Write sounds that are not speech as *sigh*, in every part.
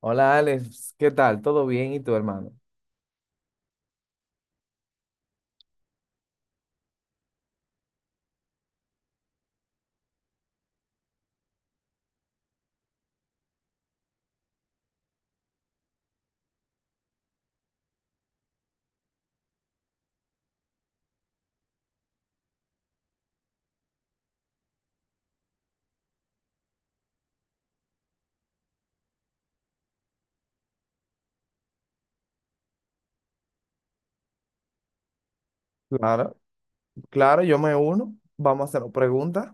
Hola Alex, ¿qué tal? ¿Todo bien? ¿Y tu hermano? Claro, claro, yo me uno. Vamos a hacer preguntas.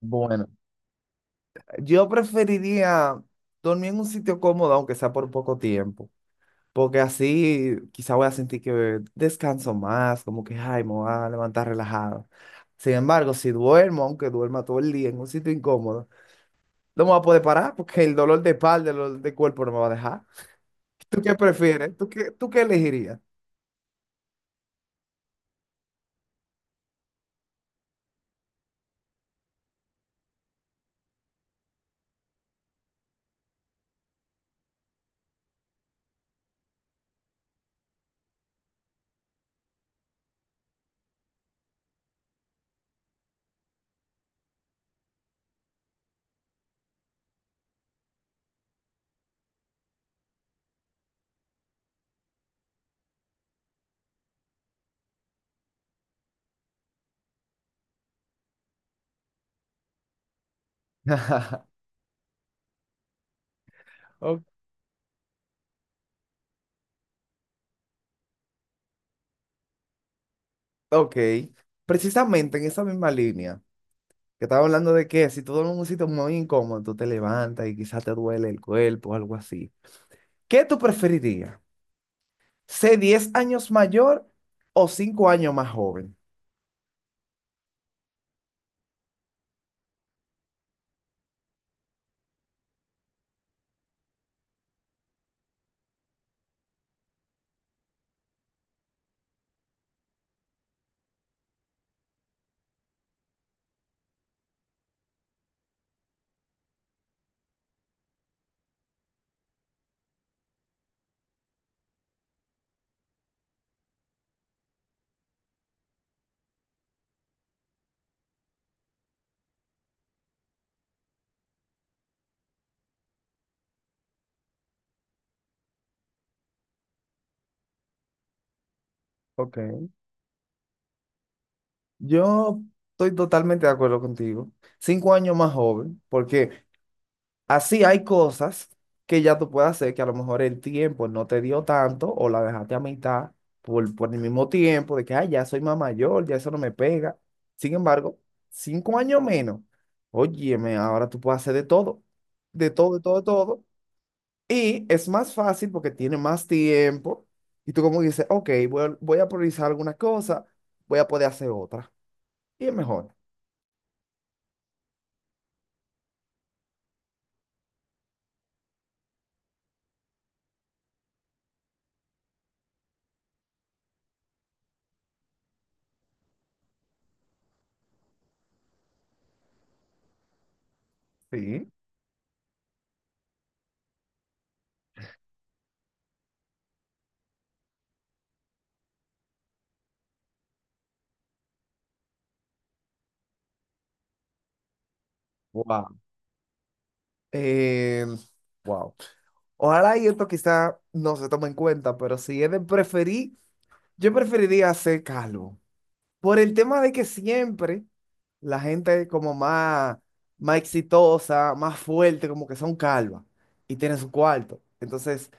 Bueno, yo preferiría dormir en un sitio cómodo, aunque sea por poco tiempo, porque así quizá voy a sentir que descanso más, como que, ay, me voy a levantar relajado. Sin embargo, si duermo, aunque duerma todo el día en un sitio incómodo, no me voy a poder parar porque el dolor de espalda, el dolor de cuerpo no me va a dejar. ¿Tú qué prefieres? ¿Tú qué elegirías? *laughs* Ok, ok, precisamente en esa misma línea, que estaba hablando de que si tú duermes en un sitio muy incómodo, tú te levantas y quizás te duele el cuerpo o algo así. ¿Qué tú preferirías? ¿Ser 10 años mayor o 5 años más joven? Ok, yo estoy totalmente de acuerdo contigo. 5 años más joven, porque así hay cosas que ya tú puedes hacer que a lo mejor el tiempo no te dio tanto o la dejaste a mitad por el mismo tiempo de que, ay, ya soy más mayor, ya eso no me pega. Sin embargo, 5 años menos, óyeme, ahora tú puedes hacer de todo, de todo, de todo, de todo. Y es más fácil porque tiene más tiempo y tú como dices, ok, voy a priorizar alguna cosa, voy a poder hacer otra. Y es mejor. Sí. Wow. Eh, wow. Ojalá y esto quizá no se tome en cuenta, pero si es de preferir, yo preferiría ser calvo. Por el tema de que siempre la gente como más, más exitosa, más fuerte, como que son calvas y tienen su cuarto. Entonces,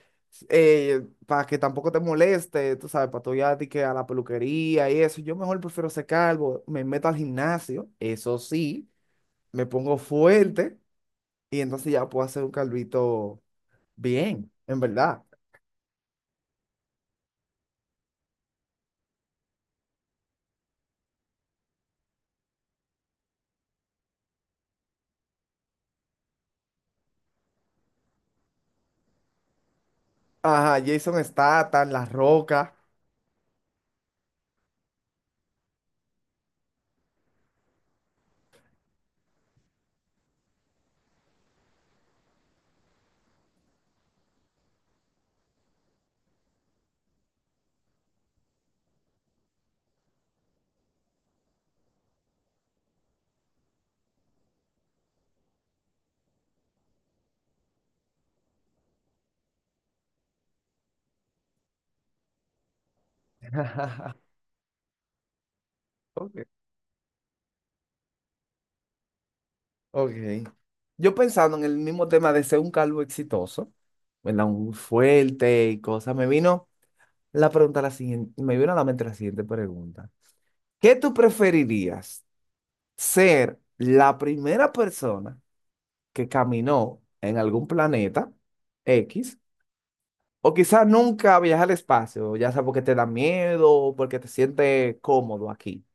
para que tampoco te moleste, tú sabes, para tú ya de que a la peluquería y eso, yo mejor prefiero ser calvo, me meto al gimnasio, eso sí, me pongo fuerte y entonces ya puedo hacer un calvito bien, en verdad. Ajá, Jason Statham, La Roca. *laughs* Ok. Ok. Yo pensando en el mismo tema de ser un calvo exitoso, ¿verdad? Un fuerte y cosas, me vino la pregunta la siguiente, me vino a la mente la siguiente pregunta. ¿Qué tú preferirías? ¿Ser la primera persona que caminó en algún planeta X? O quizás nunca viajar al espacio, ya sea porque te da miedo o porque te sientes cómodo aquí.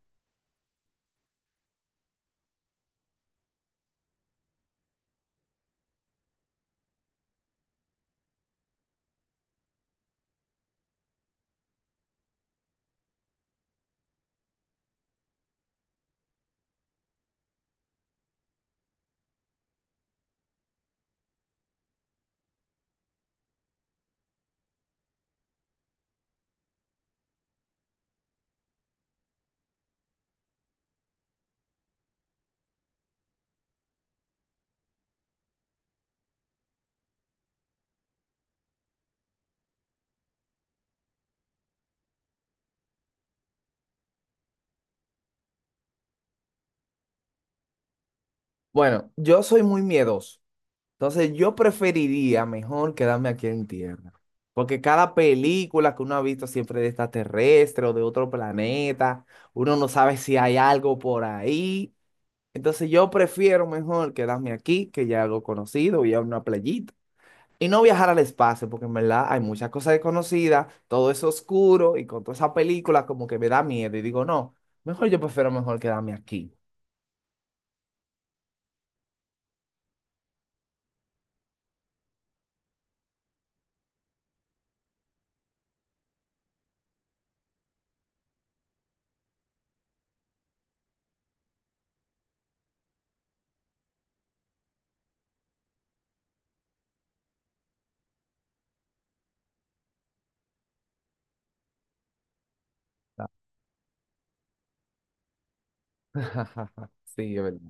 Bueno, yo soy muy miedoso. Entonces yo preferiría mejor quedarme aquí en tierra, porque cada película que uno ha visto siempre de extraterrestre o de otro planeta, uno no sabe si hay algo por ahí. Entonces yo prefiero mejor quedarme aquí, que ya algo conocido, ir a una playita. Y no viajar al espacio, porque en verdad hay muchas cosas desconocidas, todo es oscuro y con toda esa película como que me da miedo y digo, no, mejor yo prefiero mejor quedarme aquí. *laughs* Sí, es verdad.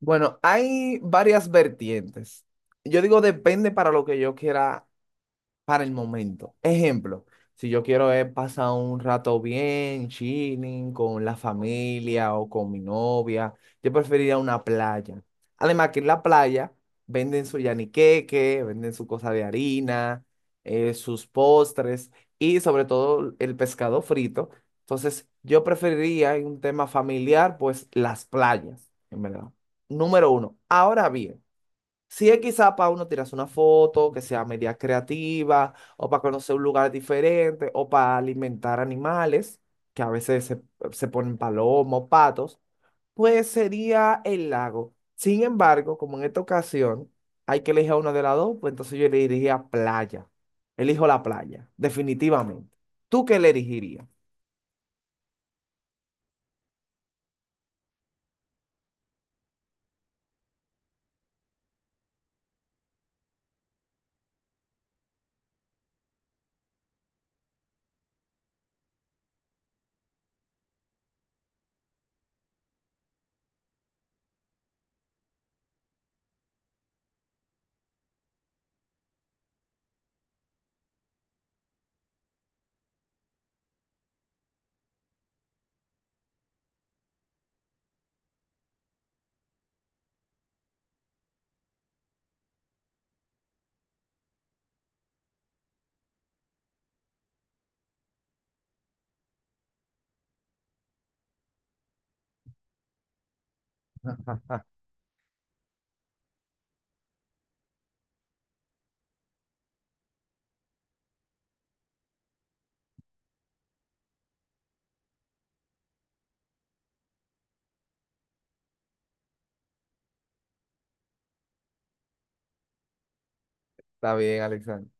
Bueno, hay varias vertientes. Yo digo depende para lo que yo quiera para el momento. Ejemplo, si yo quiero pasar un rato bien, chilling, con la familia o con mi novia, yo preferiría una playa. Además que en la playa venden su yaniqueque, venden su cosa de harina, sus postres y sobre todo el pescado frito. Entonces, yo preferiría en un tema familiar, pues las playas, en verdad. Número 1. Ahora bien. Si es quizá para uno tirarse una foto, que sea media creativa, o para conocer un lugar diferente, o para alimentar animales, que a veces se ponen palomos, patos, pues sería el lago. Sin embargo, como en esta ocasión hay que elegir a una de las dos, pues entonces yo elegiría playa. Elijo la playa, definitivamente. ¿Tú qué le elegirías? *laughs* Está bien, Alexander.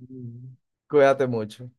Mm. Cuídate mucho.